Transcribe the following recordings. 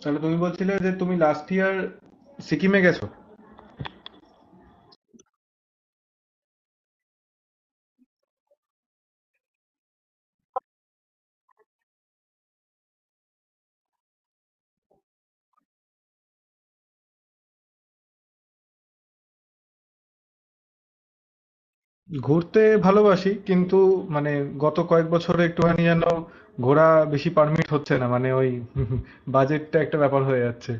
তাহলে তুমি বলছিলে যে তুমি লাস্ট ইয়ার সিকিমে গেছো। ঘুরতে ভালোবাসি, কিন্তু মানে গত কয়েক বছরে একটুখানি যেন ঘোরা বেশি পারমিট হচ্ছে না। মানে ওই বাজেটটা একটা ব্যাপার হয়ে যাচ্ছে।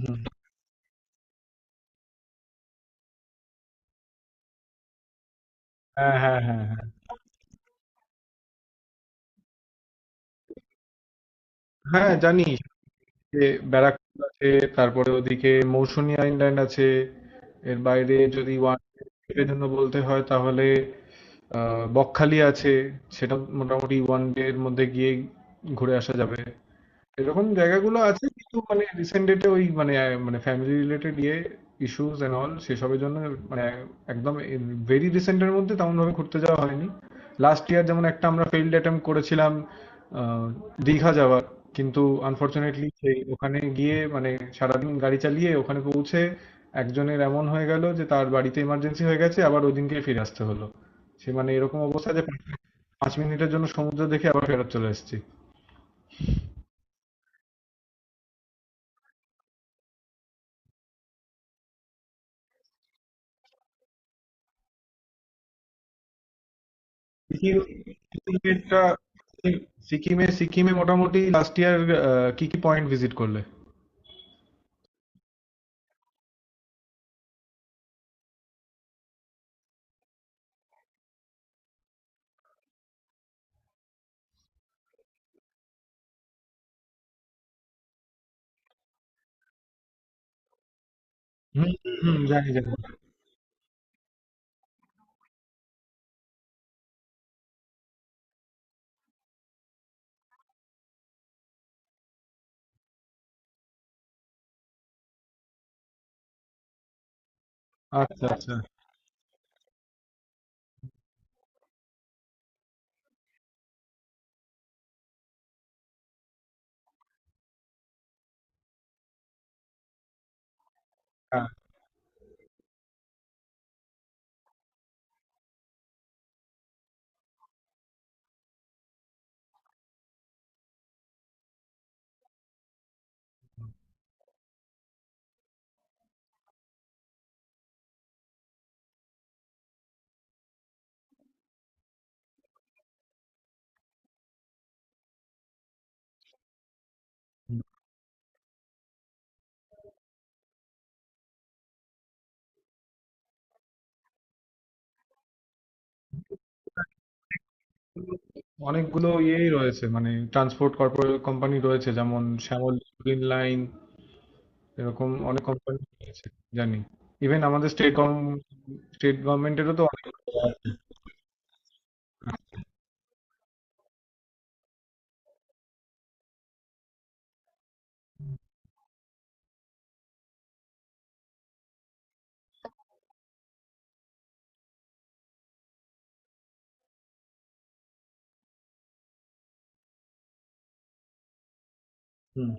হুম। হ্যাঁ হ্যাঁ হ্যাঁ হ্যাঁ। হ্যাঁ জানি যে ব্যারাকপুর আছে, তারপরে ওদিকে মৌসুনি আইল্যান্ড আছে। এর বাইরে যদি ওয়ান এর জন্য বলতে হয়, তাহলে বকখালি আছে। সেটা মোটামুটি ওয়ান ডে এর মধ্যে গিয়ে ঘুরে আসা যাবে। এরকম জায়গাগুলো আছে, কিন্তু মানে রিসেন্ট ডেটে ওই মানে মানে ফ্যামিলি রিলেটেড ইয়ে ইস্যুস এন্ড অল সেসবের জন্য মানে একদম ভেরি রিসেন্টের মধ্যে তেমন ভাবে ঘুরতে যাওয়া হয়নি। লাস্ট ইয়ার যেমন একটা আমরা ফেইল্ড অ্যাটেম্প করেছিলাম আহ, দীঘা যাওয়ার, কিন্তু আনফরচুনেটলি সেই ওখানে গিয়ে মানে সারাদিন গাড়ি চালিয়ে ওখানে পৌঁছে একজনের এমন হয়ে গেল যে তার বাড়িতে ইমার্জেন্সি হয়ে গেছে, আবার ওই দিনকে ফিরে আসতে হলো। সে মানে এরকম অবস্থা যে 5 মিনিটের জন্য সমুদ্র দেখে আবার ফেরত চলে এসেছি। সিকিম সিকিমেরটা সিকিম- সিকিমে সিকিমে মোটামুটি লাস্ট ইয়ার কি কি পয়েন্ট ভিজিট করলে? হুম হুম হুম, জানি জানি। আচ্ছা আচ্ছা। হ্যাঁ অনেকগুলো ইয়েই রয়েছে, মানে ট্রান্সপোর্ট কর্পোরেট কোম্পানি রয়েছে, যেমন শ্যামল, গ্রিন লাইন, এরকম অনেক কোম্পানি রয়েছে, জানি। ইভেন আমাদের স্টেট গভর্নমেন্ট, স্টেট গভর্নমেন্টেরও তো অনেক। হুম।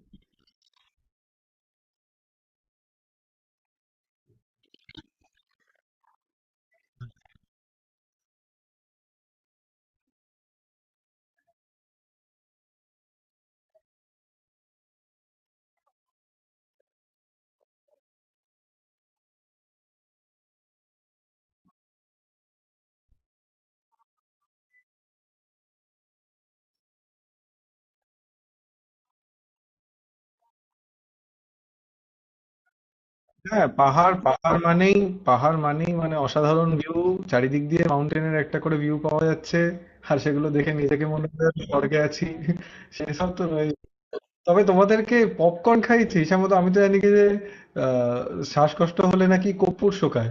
হ্যাঁ পাহাড় পাহাড় মানেই, পাহাড় মানেই মানে অসাধারণ ভিউ। চারিদিক দিয়ে মাউন্টেনের একটা করে ভিউ পাওয়া যাচ্ছে, আর সেগুলো দেখে নিজেকে মনে হয় আমি স্বর্গে আছি। সেসব তো রয়েছে। তবে তোমাদেরকে পপকর্ন খাইয়েছি সম্ভবত, আমি তো জানি কি যে আহ, শ্বাসকষ্ট হলে নাকি কর্পূর শোকায়।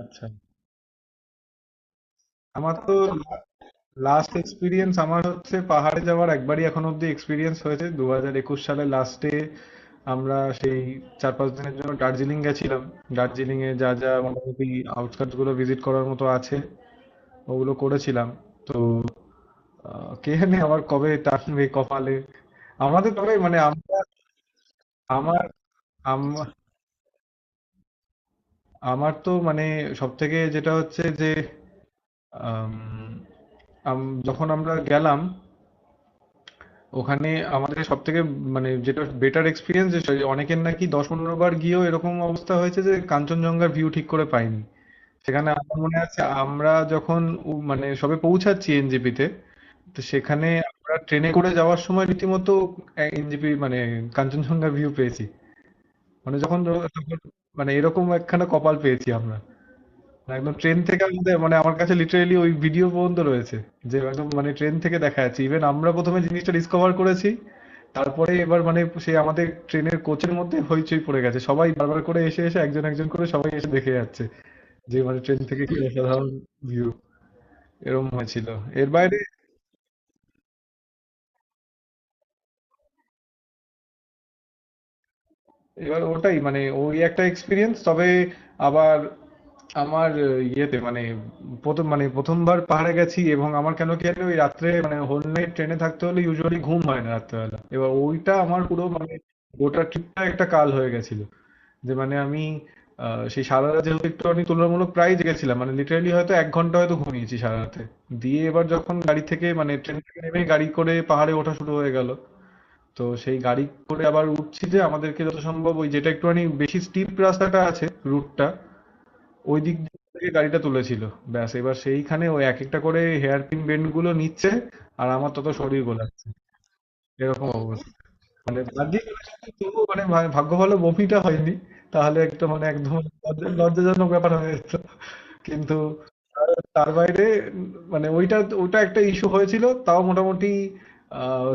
আচ্ছা, আমার তো লাস্ট এক্সপিরিয়েন্স, আমার হচ্ছে পাহাড়ে যাওয়ার একবারই এখন অব্দি এক্সপিরিয়েন্স হয়েছে 2021 সালে লাস্টে। আমরা সেই 4-5 দিনের জন্য দার্জিলিং গেছিলাম। দার্জিলিং এ যা যা মোটামুটি আউটস্কার্টস গুলো ভিজিট করার মতো আছে, ওগুলো করেছিলাম। তো কে জানে আবার কবে টানবে কপালে আমাদের। তবে মানে আমরা, আমার, আম- আমার তো মানে সব থেকে যেটা হচ্ছে যে আম, আম- যখন আমরা গেলাম ওখানে, আমাদের সবথেকে মানে যেটা বেটার এক্সপিরিয়েন্স, অনেকের নাকি 10-15 বার গিয়েও এরকম অবস্থা হয়েছে যে কাঞ্চনজঙ্ঘার ভিউ ঠিক করে পাইনি। সেখানে আমার মনে আছে আমরা যখন মানে সবে পৌঁছাচ্ছি এনজেপিতে, তো সেখানে আমরা ট্রেনে করে যাওয়ার সময় রীতিমতো এনজেপি মানে কাঞ্চনজঙ্ঘার ভিউ পেয়েছি মানে যখন তখন। মানে এরকম একখানা কপাল পেয়েছি আমরা, একদম ট্রেন থেকে। আমাদের মানে আমার কাছে লিটারেলি ওই ভিডিও পর্যন্ত রয়েছে যে একদম মানে ট্রেন থেকে দেখা যাচ্ছে। ইভেন আমরা প্রথমে জিনিসটা ডিসকভার করেছি, তারপরে এবার মানে সেই আমাদের ট্রেনের কোচের মধ্যে হইচই পড়ে গেছে, সবাই বারবার করে এসে এসে একজন একজন করে সবাই এসে দেখে যাচ্ছে যে মানে ট্রেন থেকে কি অসাধারণ ভিউ! এরকম হয়েছিল। এর বাইরে এবার ওটাই মানে ওই একটা এক্সপিরিয়েন্স। তবে আবার আমার ইয়েতে মানে প্রথম মানে প্রথমবার পাহাড়ে গেছি, এবং আমার কেন কি জানি ওই রাত্রে মানে হোল নাইট ট্রেনে থাকতে হলে ইউজুয়ালি ঘুম হয় না রাত্রেবেলা, এবার ওইটা আমার পুরো মানে গোটা ট্রিপটা একটা কাল হয়ে গেছিল। যে মানে আমি সেই সারা রাত যেহেতু একটু আমি তুলনামূলক প্রায় জেগেছিলাম, মানে লিটারালি হয়তো 1 ঘন্টা হয়তো ঘুমিয়েছি সারা রাতে। দিয়ে এবার যখন গাড়ি থেকে মানে ট্রেন থেকে নেমে গাড়ি করে পাহাড়ে ওঠা শুরু হয়ে গেল, তো সেই গাড়ি করে আবার উঠছি, যে আমাদেরকে যত সম্ভব ওই যেটা একটুখানি বেশি স্টিপ রাস্তাটা আছে রুটটা ওই দিক থেকে গাড়িটা তুলেছিল। ব্যাস এবার সেইখানে ওই এক একটা করে হেয়ার পিন বেন্ড গুলো নিচ্ছে, আর আমার তত শরীর গোলাচ্ছে, এরকম অবস্থা। মানে বাহ্যিক অনুশীলন, তবুও মানে ভাগ্য ভালো বমিটা হয়নি, তাহলে একটা মানে একদম লজ্জাজনক ব্যাপার হয়ে যেত। কিন্তু তার তার বাইরে মানে ওইটা, ওটা একটা ইস্যু হয়েছিল। তাও মোটামুটি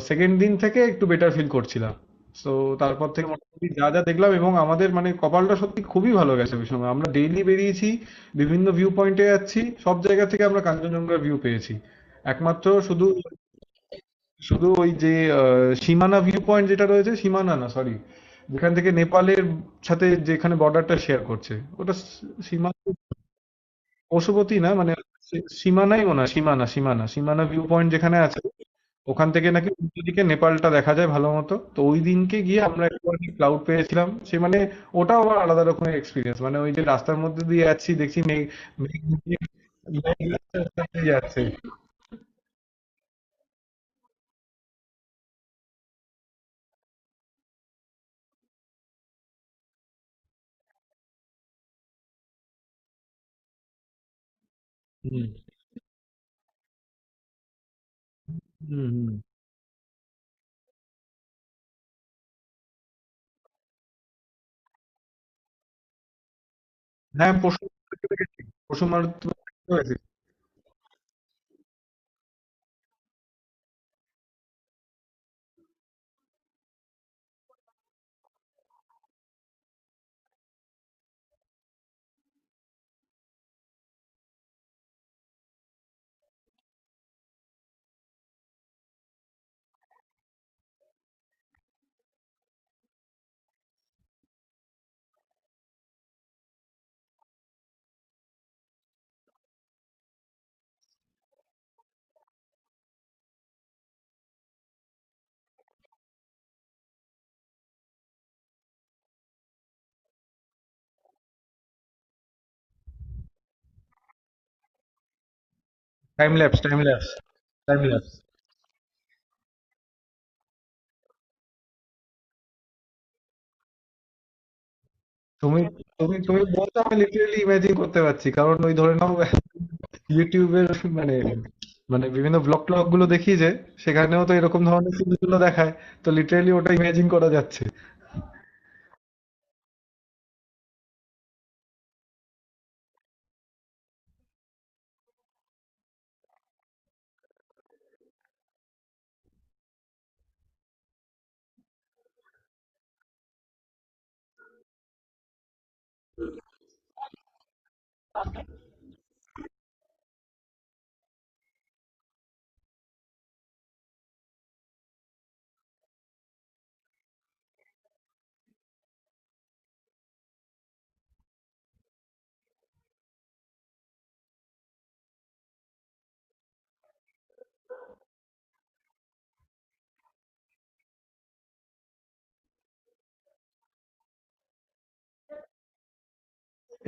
সেকেন্ড দিন থেকে একটু বেটার ফিল করছিলাম। তো তারপর থেকে মোটামুটি যা যা দেখলাম, এবং আমাদের মানে কপালটা সত্যি খুবই ভালো গেছে, ওই সময় আমরা ডেইলি বেরিয়েছি, বিভিন্ন ভিউ পয়েন্টে যাচ্ছি, সব জায়গা থেকে আমরা কাঞ্চনজঙ্ঘার ভিউ পেয়েছি। একমাত্র শুধু শুধু ওই যে সীমানা ভিউ পয়েন্ট যেটা রয়েছে, সীমানা না সরি, যেখান থেকে নেপালের সাথে, যেখানে বর্ডারটা শেয়ার করছে, ওটা সীমানা, পশুপতি না মানে সীমানাই মনে হয়, সীমানা, সীমানা, সীমানা ভিউ পয়েন্ট যেখানে আছে, ওখান থেকে নাকি উল্টো দিকে নেপালটা দেখা যায় ভালো মতো। তো ওই দিনকে গিয়ে আমরা একটুখানি ক্লাউড পেয়েছিলাম। সে মানে ওটাও আবার আলাদা রকমের এক্সপিরিয়েন্স, মানে ওই যে রাস্তার মধ্যে দিয়ে যাচ্ছি, দেখছি মেঘ, মেঘ, মেঘ- মেঘ রাস্তার সাথে যাচ্ছে। হুম হুম হুম। হ্যাঁ পশু মারতে পেরেছি, পশু মারতে পেরেছি। Time lapse, time lapse, time lapse. তুমি তুমি তুমি বলছো আমি লিটারেলি ইমাজিন করতে পারছি, কারণ ওই ধরে নাও ইউটিউবের মানে, মানে বিভিন্ন ব্লগ ট্লগ গুলো দেখি যে সেখানেও তো এরকম ধরনের সিনগুলো দেখায়, তো লিটারেলি ওটা ইমাজিন করা যাচ্ছে।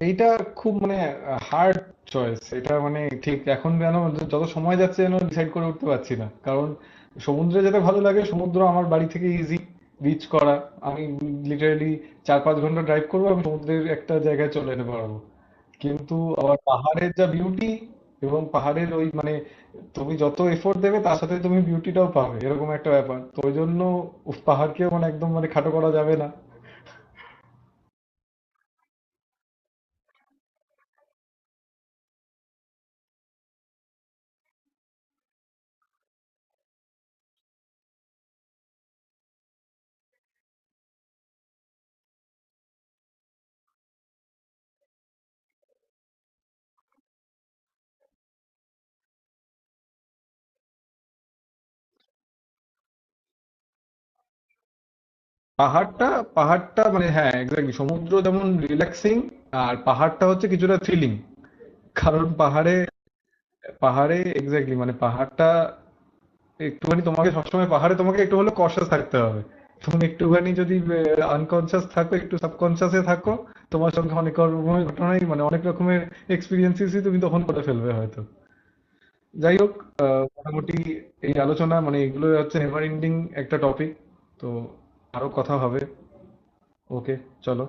এইটা খুব মানে হার্ড চয়েস এটা, মানে ঠিক এখন যেন যত সময় যাচ্ছে যেন ডিসাইড করে উঠতে পারছি না। কারণ সমুদ্রে যেতে ভালো লাগে, সমুদ্র আমার বাড়ি থেকে ইজি রিচ করা। আমি লিটারালি 4-5 ঘন্টা ড্রাইভ করবো, আমি সমুদ্রের একটা জায়গায় চলে যেতে পারবো। কিন্তু আবার পাহাড়ের যা বিউটি, এবং পাহাড়ের ওই মানে তুমি যত এফোর্ট দেবে তার সাথে তুমি বিউটিটাও পাবে, এরকম একটা ব্যাপার। তো ওই জন্য উফ, পাহাড়কেও মানে একদম মানে খাটো করা যাবে না। পাহাড়টা পাহাড়টা মানে হ্যাঁ এক্স্যাক্টলি সমুদ্র যেমন রিল্যাক্সিং, আর পাহাড়টা হচ্ছে কিছুটা থ্রিলিং। কারণ পাহাড়ে, এক্স্যাক্টলি মানে পাহাড়টা একটুখানি তোমাকে সবসময়, পাহাড়ে তোমাকে একটু হলেও কশাস থাকতে হবে। তুমি একটুখানি যদি আনকনসিয়াস থাকো, একটু সাবকনসিয়াসে থাকো, তোমার সঙ্গে অনেক রকমের ঘটনাই মানে অনেক রকমের এক্সপিরিয়েন্সেসই তুমি তখন করে ফেলবে হয়তো। যাই হোক মোটামুটি এই আলোচনা মানে এগুলো হচ্ছে নেভার এন্ডিং একটা টপিক। তো আরো কথা হবে। ওকে, চলো।